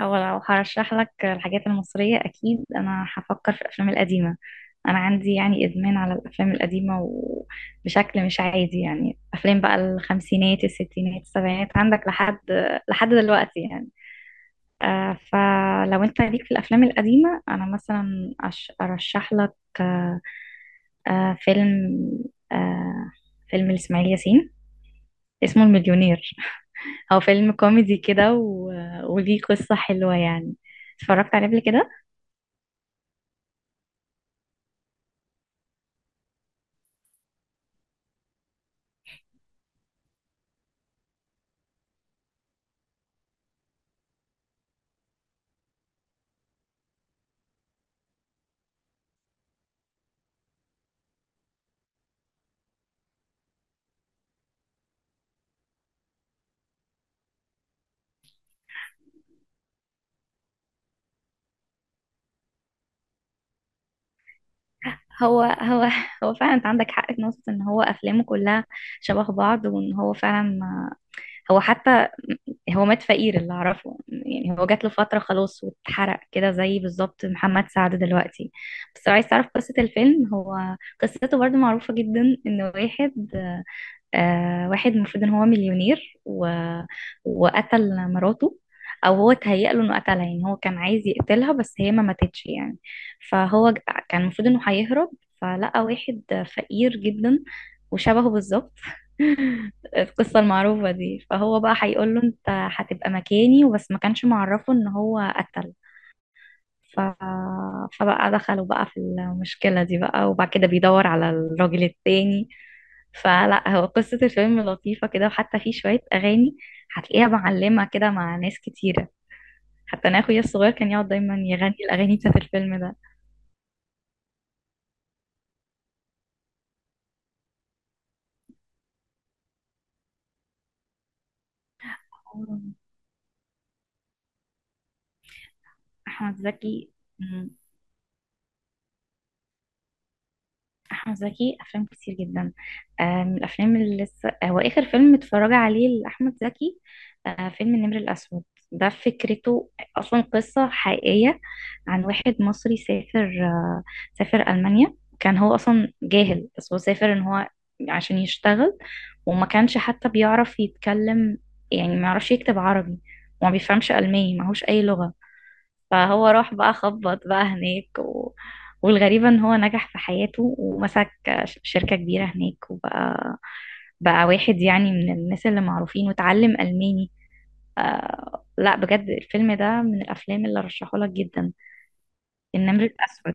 هو لو هرشح لك الحاجات المصرية أكيد أنا هفكر في الأفلام القديمة. أنا عندي يعني إدمان على الأفلام القديمة وبشكل مش عادي، يعني أفلام بقى الخمسينات الستينات السبعينات عندك لحد دلوقتي يعني. فلو أنت ليك في الأفلام القديمة أنا مثلا أرشح لك. آه فيلم آه فيلم لإسماعيل ياسين اسمه المليونير. هو فيلم كوميدي كده و... وليه قصة حلوة يعني. اتفرجت عليه قبل كده. هو هو هو فعلا انت عندك حق في نقطة ان هو افلامه كلها شبه بعض، وان هو فعلا ما... هو حتى هو مات فقير اللي اعرفه يعني. هو جات له فترة خلاص واتحرق كده، زي بالظبط محمد سعد دلوقتي. بس لو عايز تعرف قصة الفيلم، هو قصته برضو معروفة جدا ان واحد المفروض ان هو مليونير و... وقتل مراته، او هو تهيأ له انه قتلها، يعني هو كان عايز يقتلها بس هي ما ماتتش يعني. فهو ج- كان المفروض انه هيهرب، فلقى واحد فقير جدا وشبهه بالظبط. القصة المعروفة دي، فهو بقى هيقول له انت هتبقى مكاني، وبس ما كانش معرفه ان هو قتل. ف... فبقى دخلوا بقى في المشكلة دي بقى، وبعد كده بيدور على الراجل التاني. فلا هو قصة الفيلم لطيفة كده، وحتى في شوية أغاني هتلاقيها معلمة كده مع ناس كتيرة، حتى أنا أخويا الصغير كان يقعد دايما يغني الأغاني بتاعت الفيلم ده. أحمد زكي. مم. أحمد زكي أفلام كتير جدا. من الأفلام اللي لسه هو آخر فيلم اتفرج عليه لأحمد زكي، فيلم النمر الأسود. ده فكرته أصلا قصة حقيقية، عن واحد مصري سافر، سافر ألمانيا. كان هو أصلا جاهل، بس هو سافر إن هو عشان يشتغل، وما كانش حتى بيعرف يتكلم، يعني ما يعرفش يكتب عربي، وما بيفهمش ألماني، معهوش أي لغة. فهو راح بقى خبط بقى هناك و... والغريبة ان هو نجح في حياته، ومسك شركة كبيرة هناك، بقى واحد يعني من الناس اللي معروفين، وتعلم ألماني. لا بجد الفيلم ده من الافلام اللي رشحه لك جدا. النمر الاسود.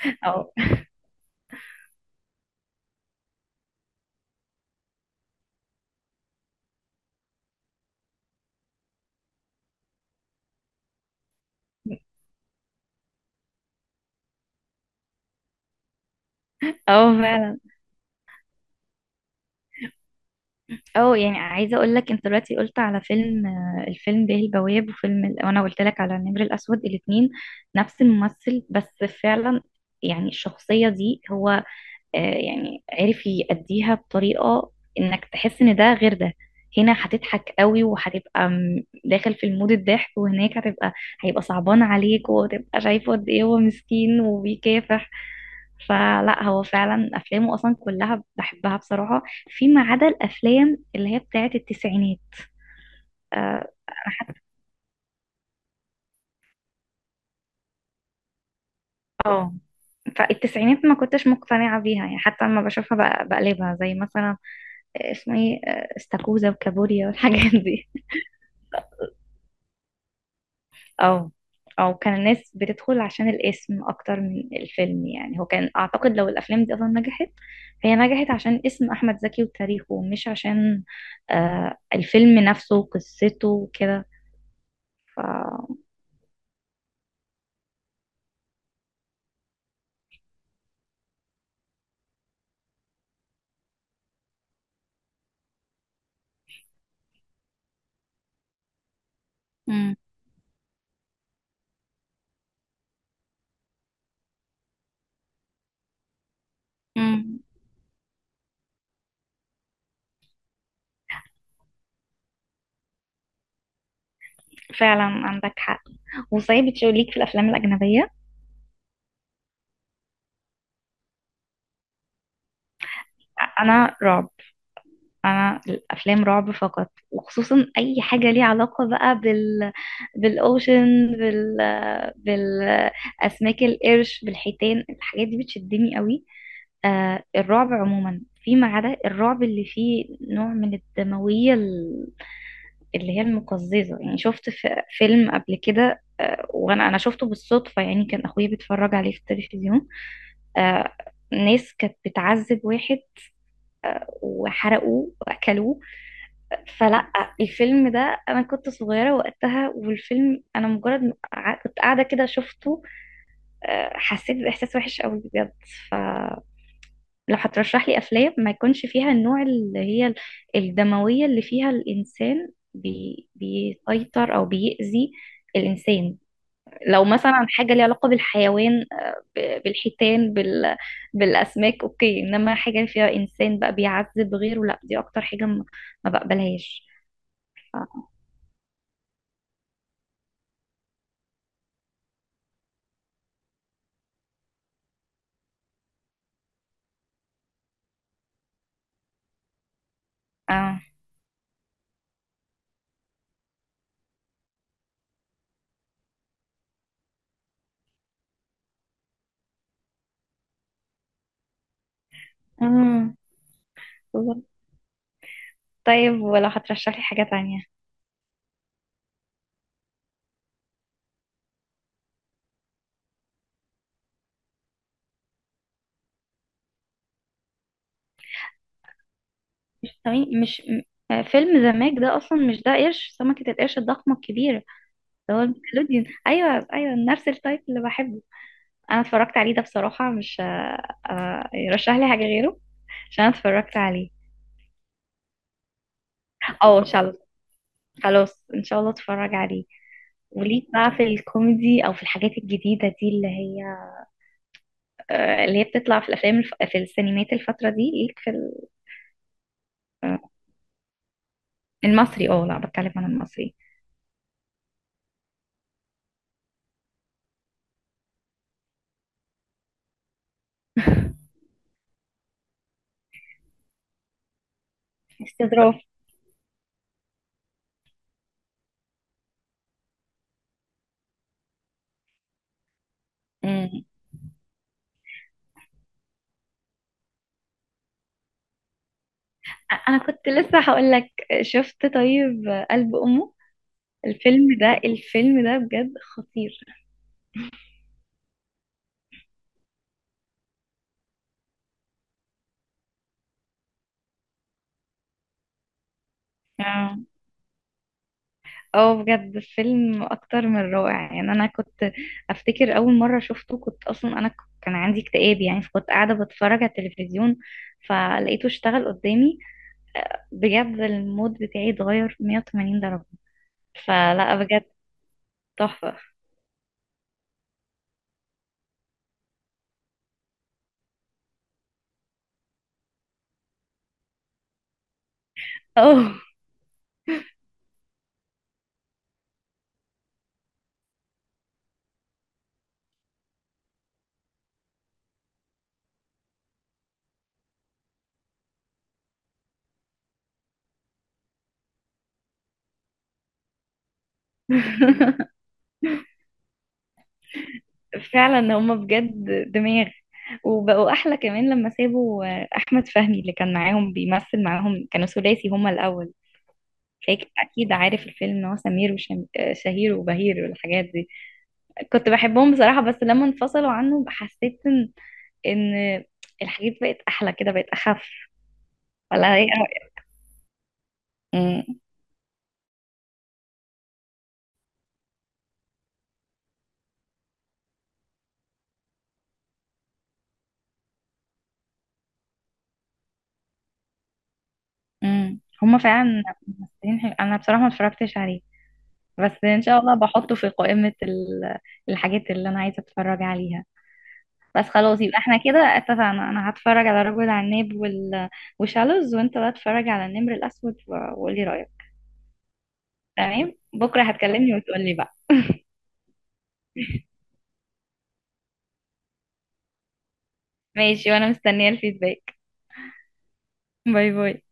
اه. اه فعلا. اه يعني عايزه اقول لك، انت دلوقتي قلت على فيلم، الفيلم بيه البواب، وانا قلت لك على النمر الاسود، الاثنين نفس الممثل بس فعلا. يعني الشخصيه دي هو يعني عرف يأديها بطريقة انك تحس ان ده غير ده. هنا هتضحك قوي وهتبقى داخل في المود الضحك، وهناك هيبقى صعبان عليك، وهتبقى شايفه قد ايه هو مسكين وبيكافح. فلا هو فعلا افلامه اصلا كلها بحبها بصراحة، فيما عدا الافلام اللي هي بتاعت التسعينات. آه، أنا حتى- اه فالتسعينات ما كنتش مقتنعة بيها، يعني حتى لما بشوفها بقلبها، زي مثلا اسمه ايه، استاكوزا وكابوريا والحاجات دي. او او كان الناس بتدخل عشان الاسم اكتر من الفيلم، يعني هو كان اعتقد لو الافلام دي اصلا نجحت، فهي نجحت عشان اسم احمد زكي وتاريخه، مش عشان الفيلم نفسه وقصته وكده. ف مم. مم. فعلا عندك حق. وصحيح بتشوف ليك في الافلام الاجنبيه؟ انا رعب. انا الافلام رعب فقط، وخصوصا اي حاجه ليها علاقه بقى بالاوشن، بالاسماك، القرش، بالحيتان، الحاجات دي بتشدني قوي. آه الرعب عموما، فيما عدا الرعب اللي فيه نوع من الدمويه، اللي هي المقززه. يعني شفت في فيلم قبل كده آه، وانا انا شفته بالصدفه، يعني كان اخويا بيتفرج عليه في التلفزيون. آه، ناس كانت بتعذب واحد وحرقوه واكلوه. فلا الفيلم ده، انا كنت صغيره وقتها، والفيلم انا مجرد ما كنت قاعده كده شفته، حسيت باحساس وحش قوي بجد. فلو هترشح لي افلام ما يكونش فيها النوع اللي هي الدمويه اللي فيها الانسان بيسيطر او بيأذي الانسان. لو مثلا حاجه ليها علاقه بالحيوان، بالحيتان، بالاسماك، اوكي، انما حاجه فيها انسان بقى بيعذب غيره، لا دي اكتر حاجه ما بقبلهاش. ف- اه. امم بالظبط. طيب، ولو هترشح لي حاجة تانية؟ تمام. مش م- فيلم ذا ماج ده، اصلا مش ده قرش سمكة القرش الضخمة الكبيرة؟ ده هو النيكلوديون، ايوه ايوه، نفس التايب اللي بحبه. انا اتفرجت عليه ده بصراحة، مش يرشح لي حاجة غيره عشان أنا اتفرجت عليه. او ان شاء الله. خلاص ان شاء الله اتفرج عليه. وليك بقى في الكوميدي او في الحاجات الجديدة دي اللي هي اللي هي بتطلع في في السينمات الفترة دي، ليك في آه، المصري؟ اه لا، بتكلم عن المصري. استظراف. امم انا كنت لسه هقول لك، شفت طيب قلب امه؟ الفيلم ده الفيلم ده بجد خطير. اه اه، بجد فيلم اكتر من رائع. يعني انا كنت افتكر اول مره شفته، كنت اصلا انا كان عندي اكتئاب، يعني فكنت قاعده بتفرج على التلفزيون فلقيته اشتغل قدامي، بجد المود بتاعي اتغير 180 درجه. فلا بجد تحفه. اه. فعلا هما بجد دماغ. وبقوا احلى كمان لما سابوا احمد فهمي اللي كان معاهم بيمثل معاهم، كانوا ثلاثي هما الاول. اكيد عارف الفيلم ان هو سمير وشهير وبهير والحاجات دي. كنت بحبهم بصراحة، بس لما انفصلوا عنه حسيت ان إن الحاجات بقت احلى كده، بقت اخف. ولا ايه رأيك؟ مم، مم. هما فعلا ممثلين حلو. انا بصراحة ما اتفرجتش عليه، بس ان شاء الله بحطه في قائمة الحاجات اللي انا عايزة اتفرج عليها. بس خلاص، يبقى احنا كده اتفقنا. انا هتفرج على رجل عناب وشالوز، وانت بقى اتفرج على النمر الاسود وقولي رايك. تمام، بكره هتكلمني وتقولي بقى. ماشي، وانا مستنيه الفيدباك. باي باي.